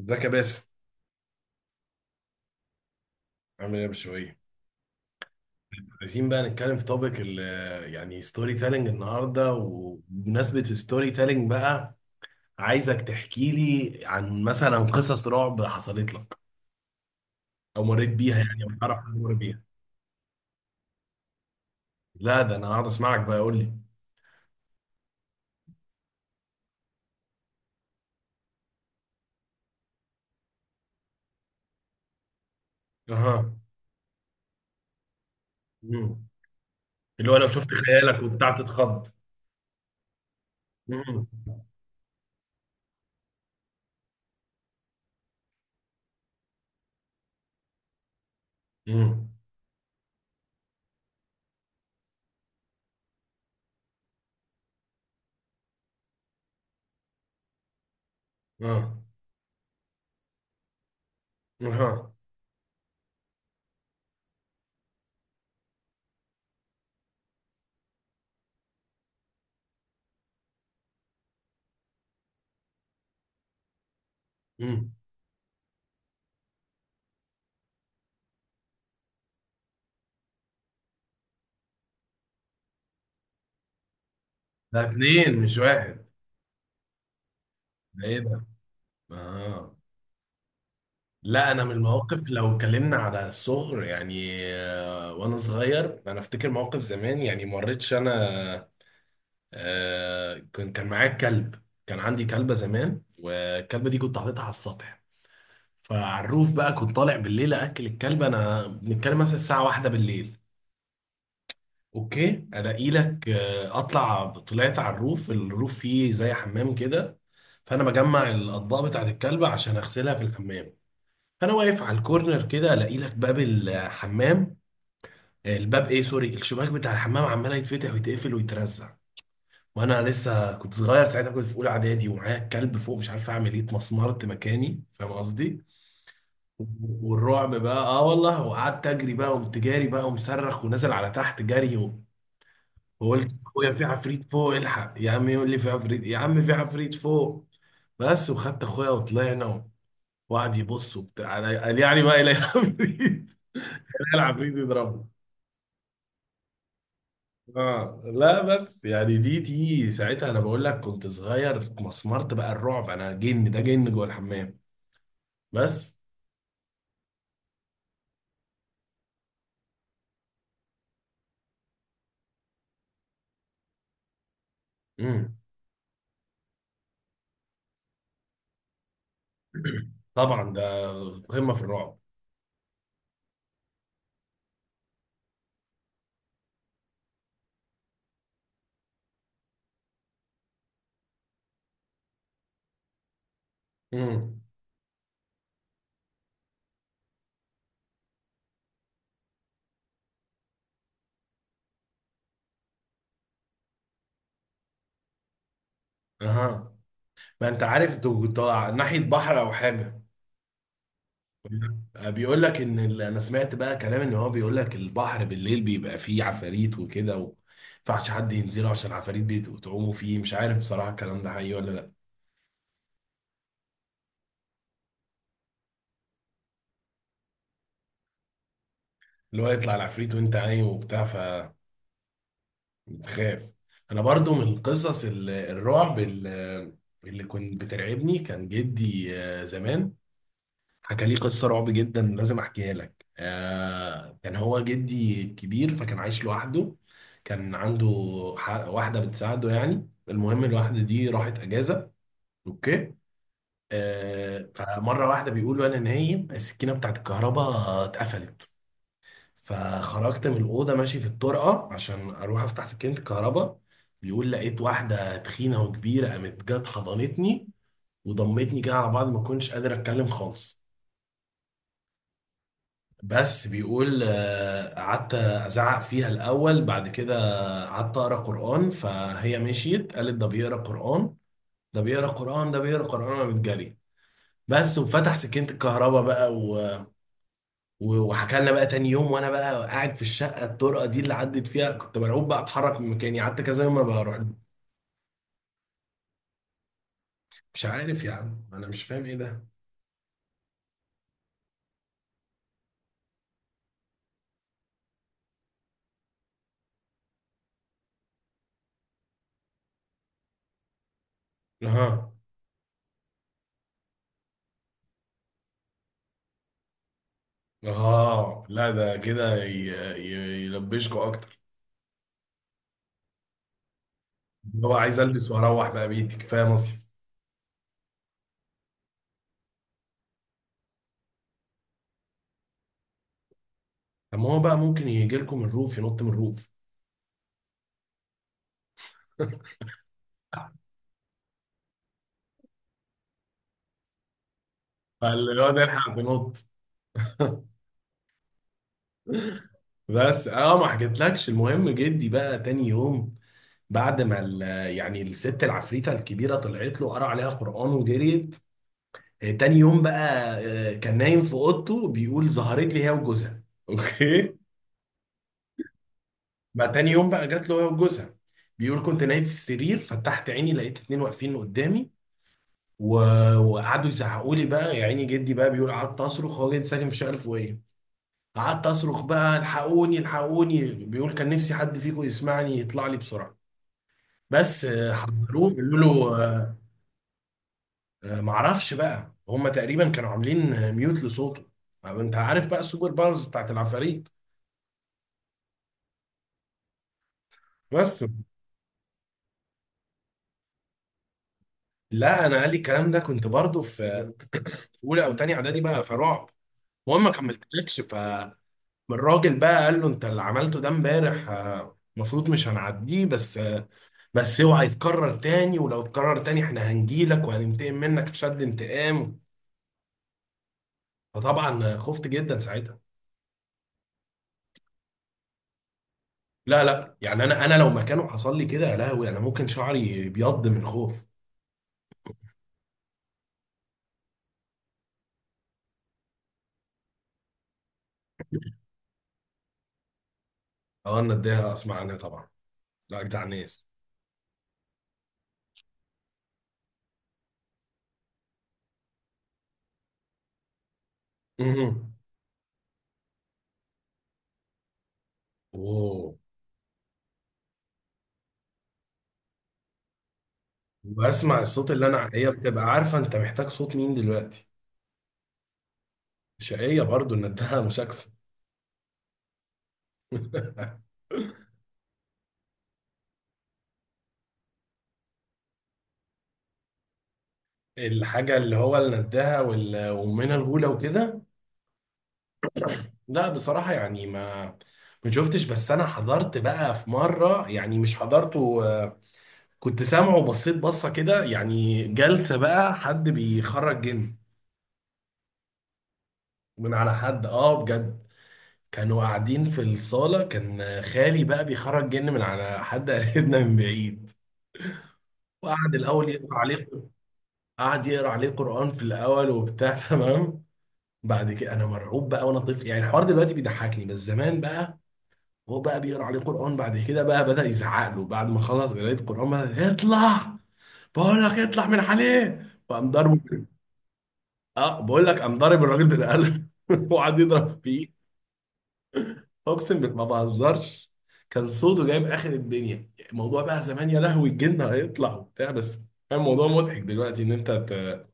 ازيك يا باسم؟ عامل ايه يا بشوية؟ عايزين بقى نتكلم في توبيك يعني ستوري تيلينج النهارده، وبمناسبة ستوري تيلينج بقى عايزك تحكي لي عن مثلا قصص رعب حصلت لك او مريت بيها يعني، او تعرف حد مر بيها. لا، ده انا قاعد اسمعك بقى، قول لي. اها. مم. اللي هو لو شفت خيالك وبتاع تتخض. مم. مم. اه. اها. مم. ده اتنين مش واحد. ده ايه ده؟ اه. لا، انا من المواقف لو اتكلمنا على الصغر يعني، وانا صغير انا افتكر موقف زمان يعني، ما مريتش انا. آه، كنت كان معايا كلب، كان عندي كلبه زمان، والكلبه دي كنت حاططها على السطح. فعلى الروف بقى كنت طالع بالليل اكل الكلبه، انا بنتكلم مثلا الساعه واحدة بالليل. اوكي، الاقي لك، آه، اطلع طلعت على الروف، الروف فيه زي حمام كده. فانا بجمع الاطباق بتاعت الكلبه عشان اغسلها في الحمام. فانا واقف على الكورنر كده، الاقي لك باب الحمام، ايه، سوري، الشباك بتاع الحمام عمال يتفتح ويتقفل ويترزع، وانا لسه كنت صغير ساعتها، كنت في اولى اعدادي، ومعايا الكلب فوق، مش عارف اعمل ايه، اتمسمرت مكاني، فاهم قصدي. والرعب بقى، اه والله، وقعدت اجري بقى، قمت جاري بقى ومصرخ ونازل على تحت جري وقلت اخويا في عفريت فوق، الحق يا عم، يقول لي في عفريت يا عم، في عفريت فوق. بس، وخدت اخويا وطلعنا، وقعد يبص وبتاع، قال يعني بقى الى عفريت، العفريت يضربه. اه. لا بس يعني دي ساعتها، انا بقول لك كنت صغير، اتمسمرت بقى، الرعب، انا جن، ده جن جوه الحمام. بس. امم. طبعا ده قمه في الرعب. امم. اها. ما انت عارف طالع ناحيه بحر او حاجه. بيقول لك ان انا سمعت بقى كلام ان هو بيقول لك البحر بالليل بيبقى فيه عفاريت وكده و... ينفعش حد ينزله عشان العفاريت بتعوموا فيه، مش عارف بصراحه الكلام ده حقيقي ولا لا. اللي هو يطلع العفريت وانت عايم وبتاع، بتخاف. انا برضو من قصص الرعب، اللي كنت بترعبني كان جدي، زمان حكى لي قصة رعب جدا، لازم احكيها لك. كان هو جدي كبير فكان عايش لوحده، كان عنده واحدة بتساعده يعني. المهم الواحدة دي راحت اجازة. اوكي. فمرة واحدة بيقول وانا نايم السكينة بتاعت الكهرباء اتقفلت، فخرجت من الأوضة ماشي في الطرقة عشان أروح أفتح سكينة الكهرباء. بيقول لقيت واحدة تخينة وكبيرة، قامت جت حضنتني وضمتني كده على بعض، ما كنتش قادر أتكلم خالص. بس بيقول قعدت أزعق فيها الأول، بعد كده قعدت أقرأ قرآن، فهي مشيت قالت ده بيقرأ قرآن، ده بيقرأ قرآن، ده بيقرأ قرآن، قامت جري. بس، وفتح سكينة الكهرباء بقى و... وحكى لنا بقى تاني يوم. وانا بقى قاعد في الشقه، الطرقه دي اللي عدت فيها كنت مرعوب بقى، اتحرك من مكاني، قعدت كذا يوم ما بروح. مش عارف يا عم، انا مش فاهم ايه ده. اها. اه. لا، ده كده يلبشكوا اكتر، اللي هو عايز البس واروح بقى بيتي، كفايه مصيف. طب ما هو بقى ممكن يجي لكم الروف، ينط من الروف. فاللي هو نلحق بنط. بس اه، ما حكيتلكش، المهم جدي بقى تاني يوم، بعد ما يعني الست العفريته الكبيره طلعت له، قرا عليها قران وجريت. تاني يوم بقى كان نايم في اوضته بيقول ظهرت لي هي وجوزها. اوكي. بقى تاني يوم بقى جات له هي وجوزها، بيقول كنت نايم في السرير، فتحت عيني لقيت اتنين واقفين قدامي و... وقعدوا يزعقوا لي بقى، يا عيني جدي بقى، بيقول قعدت اصرخ، هو جدي ساكن في الشقه الفوقيه، قعدت اصرخ بقى الحقوني، الحقوني، بيقول كان نفسي حد فيكم يسمعني يطلع لي بسرعه. بس، حضروه بيقولوا له، معرفش بقى، هم تقريبا كانوا عاملين ميوت لصوته. طب انت عارف بقى السوبر باورز بتاعت العفاريت. بس. لا، انا قال لي الكلام ده كنت برضو في اولى او تانية اعدادي بقى، فرعب. وهو ما كملتلكش، فالراجل بقى قال له انت اللي عملته ده امبارح، المفروض مش هنعديه، بس بس اوعى يتكرر تاني، ولو اتكرر تاني احنا هنجيلك وهننتقم منك شد انتقام. فطبعا خفت جدا ساعتها. لا لا، يعني انا لو مكانه حصل لي كده يا لهوي، انا ممكن شعري بيض من الخوف. اه، انا اديها اسمع عنها طبعا. لا، جدع ناس. مهم. اوه. واسمع الصوت اللي انا، هي بتبقى عارفه انت محتاج صوت مين دلوقتي. شقيه برضو ندها، مشاكسه. الحاجه اللي هو اللي ندها وامنا الغوله وكده. لا بصراحه يعني ما شفتش، بس انا حضرت بقى في مره، يعني مش حضرته، كنت سامعه وبصيت بصه كده يعني، جلسه بقى حد بيخرج جن من على حد. اه بجد. كانوا قاعدين في الصاله، كان خالي بقى بيخرج جن من على حد قريبنا من بعيد. وقعد الاول يقرا عليه، قعد يقرا عليه قرآن في الأول وبتاع، تمام. بعد كده أنا مرعوب بقى وأنا طفل يعني، الحوار دلوقتي بيضحكني بس زمان بقى. هو بقى بيقرا عليه قرآن، بعد كده بقى بدأ يزعق له، بعد ما خلص قراية قرآن بقى، اطلع، بقول لك اطلع من عليه، وقام ضربه. اه، بقول لك قام ضارب الراجل بالقلم، وقعد يضرب فيه. اقسم بالله ما بهزرش، كان صوته جايب اخر الدنيا، الموضوع بقى زمان يا لهوي الجن هيطلع وبتاع. بس كان الموضوع مضحك دلوقتي، ان انت ت-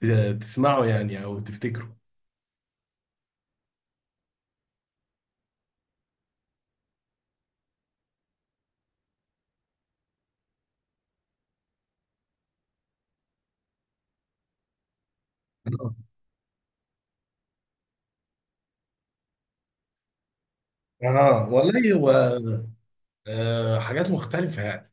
ت- تسمعه يعني او تفتكره. اه والله هو، حاجات مختلفة يعني.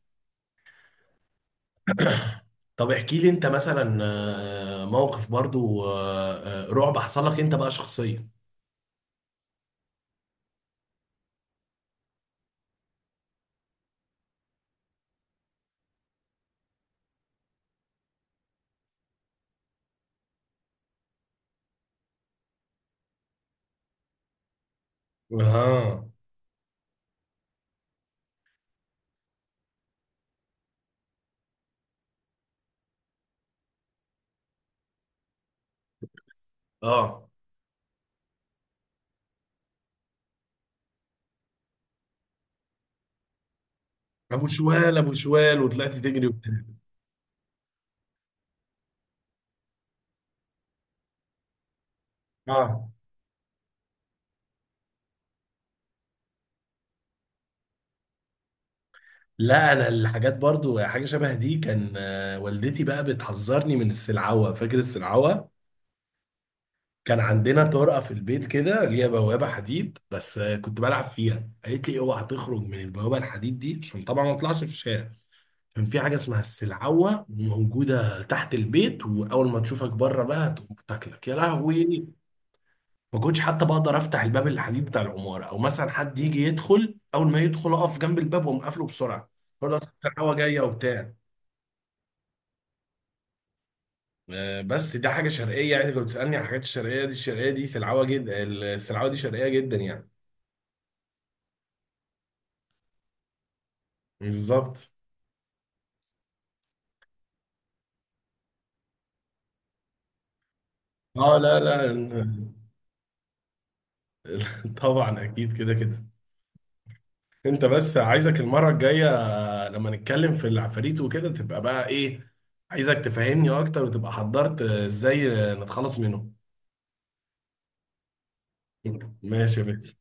طب احكي لي انت مثلا، موقف برضو رعب حصل لك انت بقى شخصيا. اه. اه. ابو شوال، ابو شوال، وطلعت تجري وبتاع. اه، لا انا الحاجات برضو حاجة شبه دي، كان والدتي بقى بتحذرني من السلعوة، فاكر السلعوة. كان عندنا طرقة في البيت كده ليها بوابة حديد، بس كنت بلعب فيها، قالت لي اوعى تخرج من البوابة الحديد دي عشان طبعا ما اطلعش في الشارع. كان في حاجة اسمها السلعوة موجودة تحت البيت، وأول ما تشوفك بره بقى تقوم تاكلك يا لهوي. ما كنتش حتى بقدر أفتح الباب الحديد بتاع العمارة، أو مثلا حد يجي يدخل، أول ما يدخل أقف جنب الباب وأقوم قافله بسرعة، أقول له أصل السلعوة جاية وبتاع. بس دي حاجة شرقية يعني، كنت بتسألني على الحاجات الشرقية دي، الشرقية دي سلعوة جدا، السلعوة دي شرقية جدا يعني. بالظبط. اه لا لا. طبعا اكيد كده كده. انت بس عايزك المره الجايه، لما نتكلم في العفاريت وكده، تبقى بقى ايه، عايزك تفهمني اكتر وتبقى حضرت ازاي نتخلص منهم. ماشي يا بس.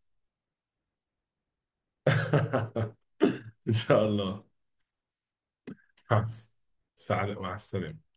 ان شاء الله. مع الس- مع السلامة.